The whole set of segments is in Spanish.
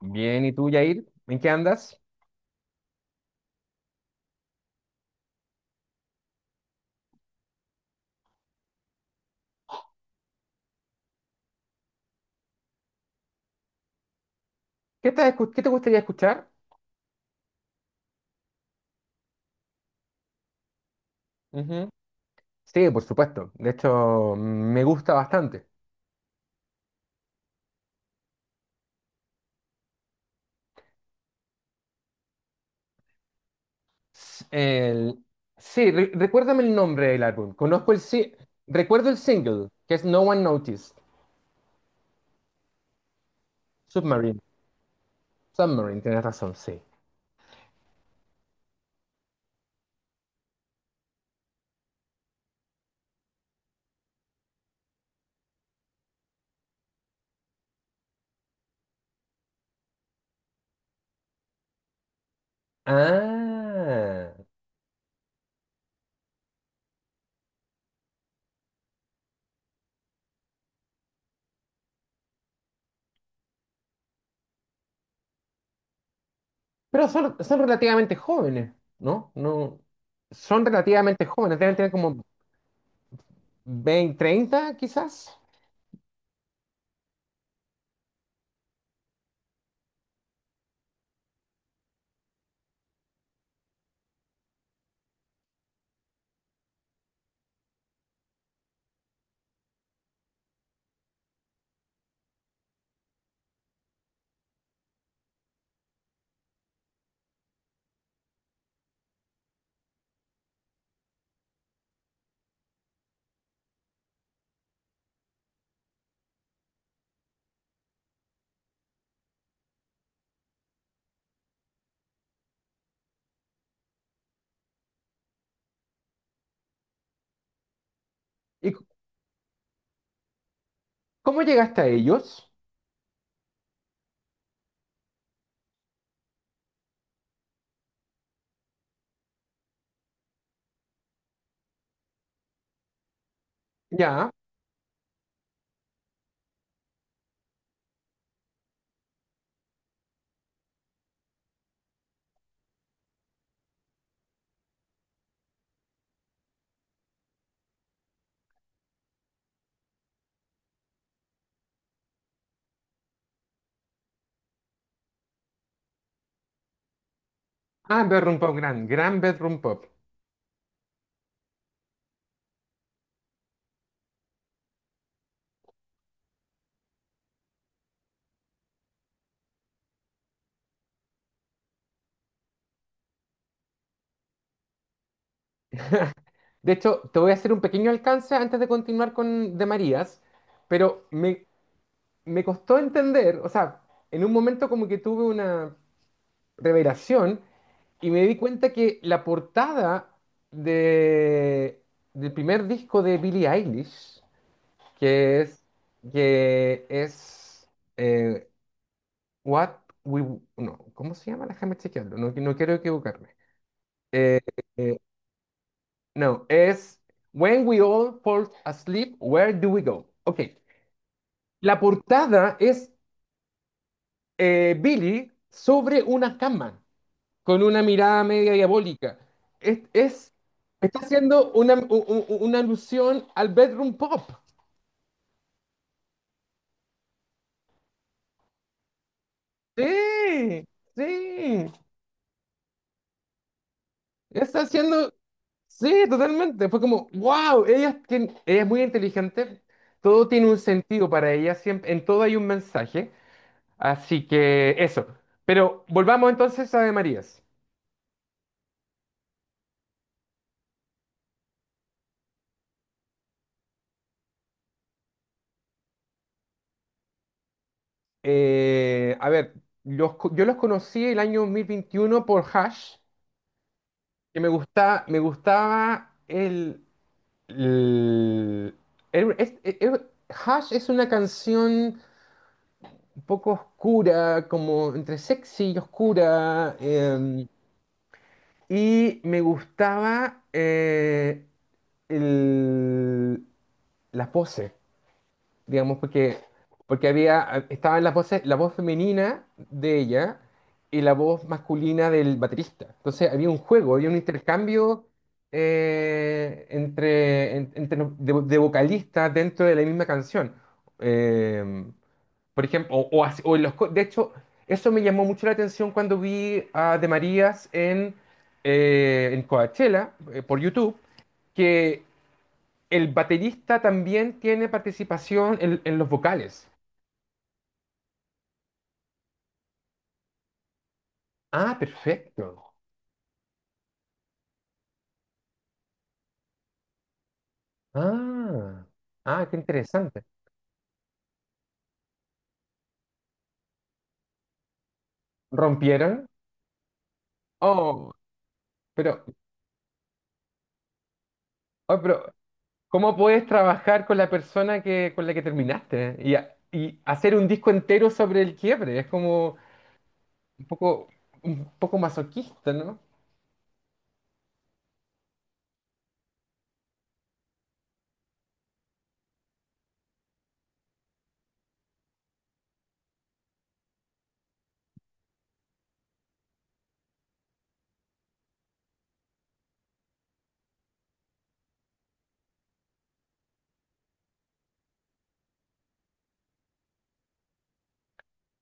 Bien, ¿y tú, Yair? ¿En qué andas? ¿Qué qué te gustaría escuchar? Ujú. Sí, por supuesto. De hecho, me gusta bastante. S- el- Sí, recuérdame el nombre del álbum. Conozco el... si- Recuerdo el single, que es No One Noticed. Submarine. Submarine, tienes razón, sí. Ah. Pero son relativamente jóvenes, ¿no? No. Son relativamente jóvenes, deben tener como 20 30 quizás. ¿Y cómo llegaste a ellos? Ya. Ah, Bedroom Pub, gran, gran Bedroom Pub. De hecho, te voy a hacer un pequeño alcance antes de continuar con De Marías, pero me costó entender, o sea, en un momento como que tuve una revelación y me di cuenta que la portada de, del primer disco de Billie Eilish, que es, que es eh, What We... No, ¿cómo se llama? Déjame chequearlo, no, no quiero equivocarme. Eh, eh, No, es When We All Fall Asleep, Where Do We Go? Ok. La portada es, Billy sobre una cama, con una mirada media diabólica. Es, es- Está haciendo una, u- u- u- una alusión al bedroom pop. Sí, sí. Está haciendo, sí, totalmente. Fue como, wow, ella es muy inteligente. Todo tiene un sentido para ella, siempre, en todo hay un mensaje. Así que eso. Pero volvamos entonces a de Marías. A ver, yo los conocí el año 2021 por Hash, que me gustaba el- el- es- el- Hash es una canción un poco oscura, como entre sexy y oscura. Y me gustaba, el, las voces, digamos, porque estaban las voces, la voz femenina de ella y la voz masculina del baterista. Entonces había un juego, había un intercambio, entre, en- entre los- de vocalistas dentro de la misma canción. Eh, por ejemplo, o así- o en los, co- de hecho, eso me llamó mucho la atención cuando vi a De Marías en Coachella, por YouTube, que el baterista también tiene participación en los vocales. Ah, perfecto. Ah, ah, qué interesante. ¿Rompieron? Oh, pero, oh, pero, ¿cómo puedes trabajar con la persona con la que terminaste y hacer un disco entero sobre el quiebre? Es como un poco, un poco masoquista, ¿no?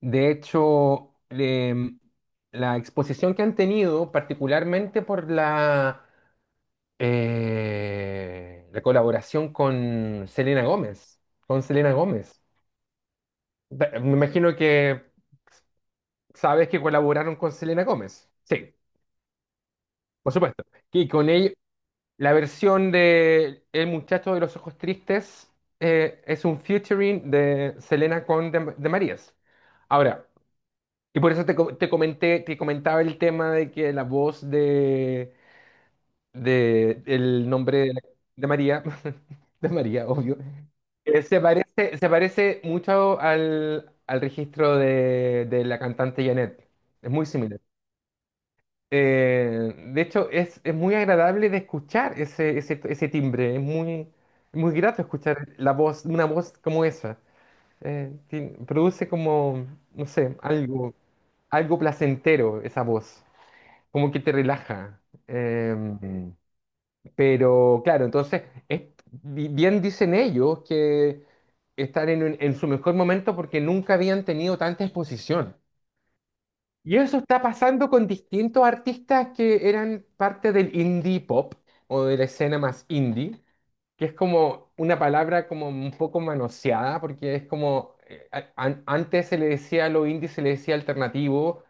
De hecho, la exposición que han tenido, particularmente por la colaboración con Selena Gómez. Me imagino que sabes que colaboraron con Selena Gómez. Sí, por supuesto. Y con ella, la versión de El muchacho de los ojos tristes, es un featuring de Selena con de Marías. Ahora, y por eso te, co- te comenté, te comentaba el tema de que la voz de el nombre de, la- de María, de María, obvio, se parece mucho al registro de la cantante Janet. Es muy similar. De hecho, es muy agradable de escuchar ese timbre. Es muy, muy grato escuchar la voz, una voz como esa. Produce como, no sé, algo placentero esa voz. Como que te relaja. Eh, pero claro, entonces, es- bien dicen ellos que están en su mejor momento porque nunca habían tenido tanta exposición. Y eso está pasando con distintos artistas que eran parte del indie pop o de la escena más indie, que es como una palabra como un poco manoseada porque es como, antes se le decía a lo indie, se le decía alternativo,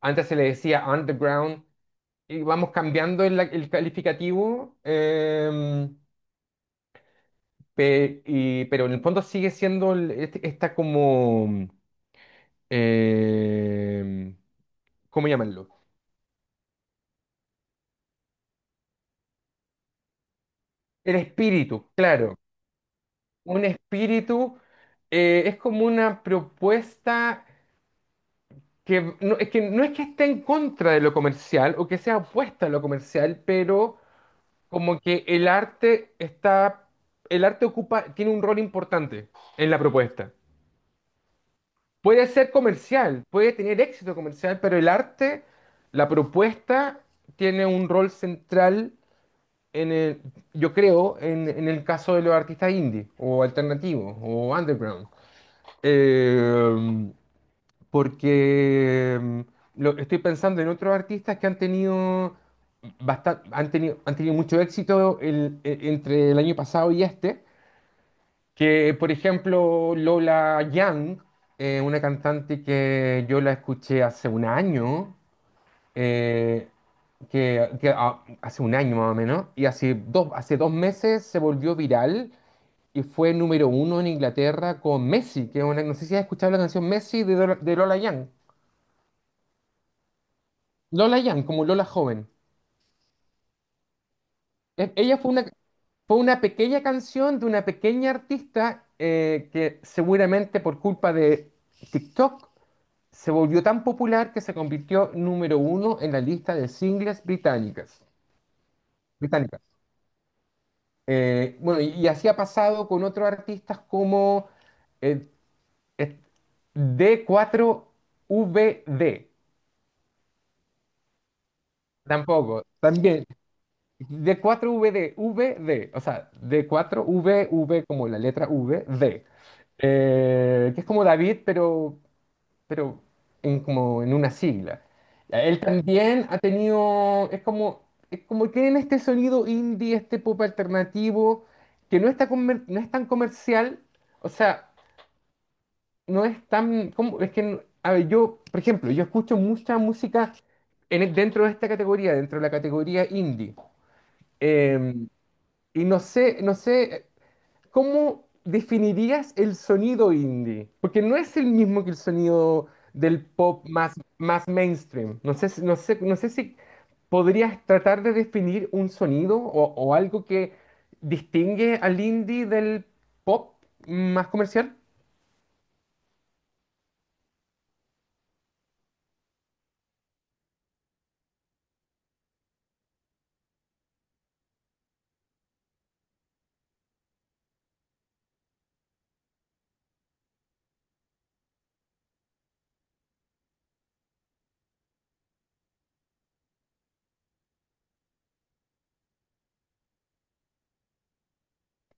antes se le decía underground, y vamos cambiando el calificativo. Pero en el fondo sigue siendo esta como. eh, ¿Cómo llamarlo? El espíritu, claro. Un espíritu, es como una propuesta que no, es que no es que esté en contra de lo comercial o que sea opuesta a lo comercial, pero como que el arte está. El arte tiene un rol importante en la propuesta. Puede ser comercial, puede tener éxito comercial, pero el arte, la propuesta, tiene un rol central en el, yo creo, en el caso de los artistas indie o alternativos o underground. Eh, Porque estoy pensando en otros artistas que han tenido, bastan- han tenido mucho éxito entre el año pasado y este. Que, por ejemplo, Lola Young, una cantante que yo la escuché hace un año, eh, hace un año más o menos, y hace dos meses se volvió viral y fue número 1 en Inglaterra con Messi, que es no sé si has escuchado la canción Messi de Lola Young. Lola Young, como Lola joven. Ella fue una pequeña canción de una pequeña artista, que seguramente por culpa de TikTok se volvió tan popular que se convirtió número 1 en la lista de singles británicas. Bueno, y así ha pasado con otros artistas como eh, eh, D4VD. Tampoco, también. D4VD, VD, o sea, D4VV como la letra V, D. Que es como David, pero pero como en una sigla. Ya, Él claro, también ha tenido, es como tienen este sonido indie, este pop alternativo, que no está no es tan comercial, o sea, no es tan, como, es que, no- a ver, yo, por ejemplo, yo escucho mucha música dentro de la categoría indie, eh, y no sé. ¿Cómo definirías el sonido indie? Porque no es el mismo que el sonido del pop más, más mainstream. No sé, no sé si podrías tratar de definir un sonido o algo que distingue al indie del pop más comercial.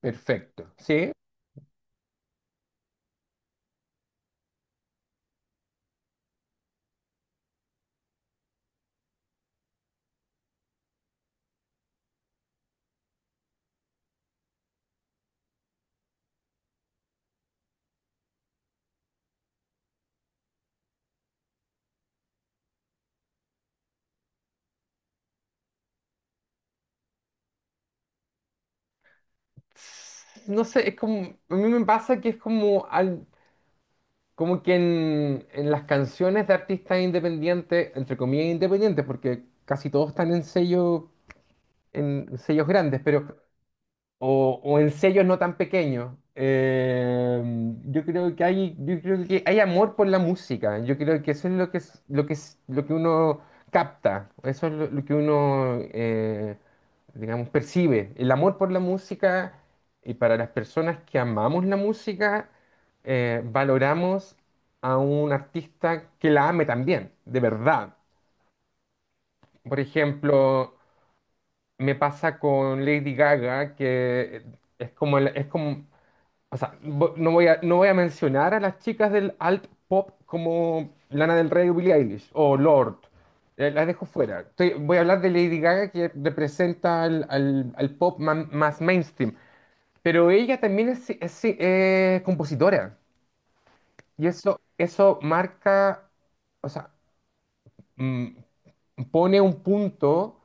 Perfecto, ¿sí? No sé, es como, a mí me pasa que es como, como que en las canciones de artistas independientes, entre comillas independientes, porque casi todos están en sellos grandes, pero o en sellos no tan pequeños. Yo creo que hay amor por la música. Yo creo que eso es lo que uno capta. Eso es lo que uno, digamos, percibe. El amor por la música, y para las personas que amamos la música, valoramos a un artista que la ame también, de verdad. Por ejemplo, me pasa con Lady Gaga, que es como, o sea, no voy a mencionar a las chicas del alt pop como Lana del Rey o Billie Eilish o Lord, las dejo fuera. Voy a hablar de Lady Gaga que representa al pop, más mainstream, pero ella también es compositora y eso marca, o sea, mm, pone un punto,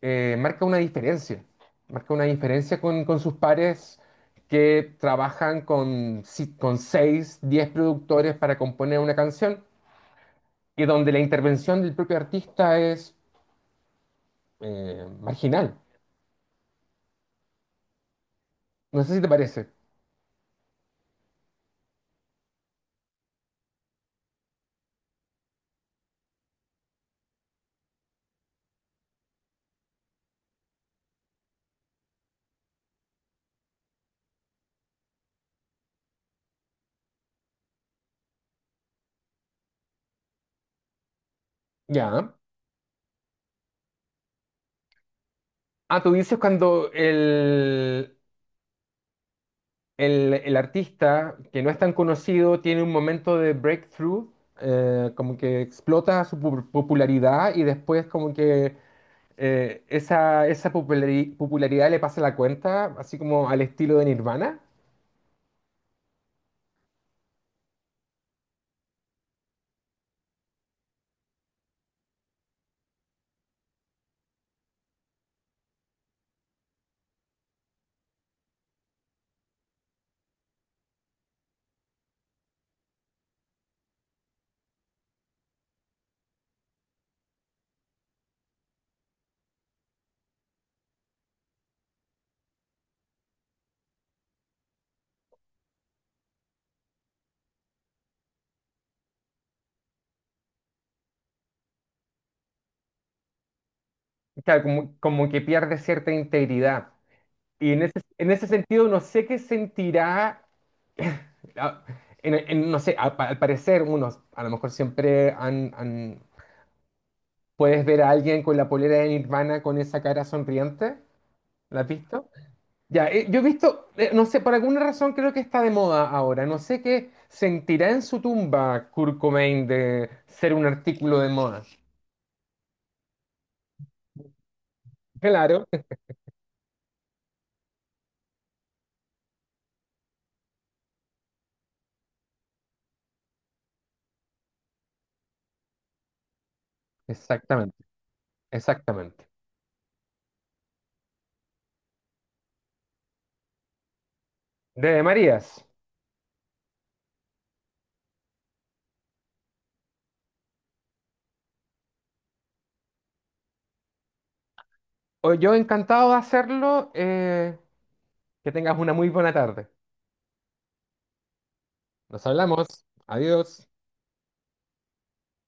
eh, marca una diferencia, marca una diferencia con sus pares que trabajan con, si- con 6, 10 productores para componer una canción y donde la intervención del propio artista es, marginal. No sé si te parece. Ya. Ah, tú dices cuando el artista que no es tan conocido tiene un momento de breakthrough, como que explota su popularidad y después como que, esa popularidad le pasa la cuenta, así como al estilo de Nirvana. Claro, como que pierde cierta integridad. Y en ese sentido, no sé qué sentirá. ah, no sé, al parecer, a lo mejor siempre puedes ver a alguien con la polera de Nirvana con esa cara sonriente, ¿la has visto? Ya, yo he visto, no sé, por alguna razón creo que está de moda ahora. No sé qué sentirá en su tumba Kurt Cobain de ser un artículo de moda. Claro, exactamente, exactamente. De Marías, hoy yo encantado de hacerlo. Que tengas una muy buena tarde. Nos hablamos. Adiós.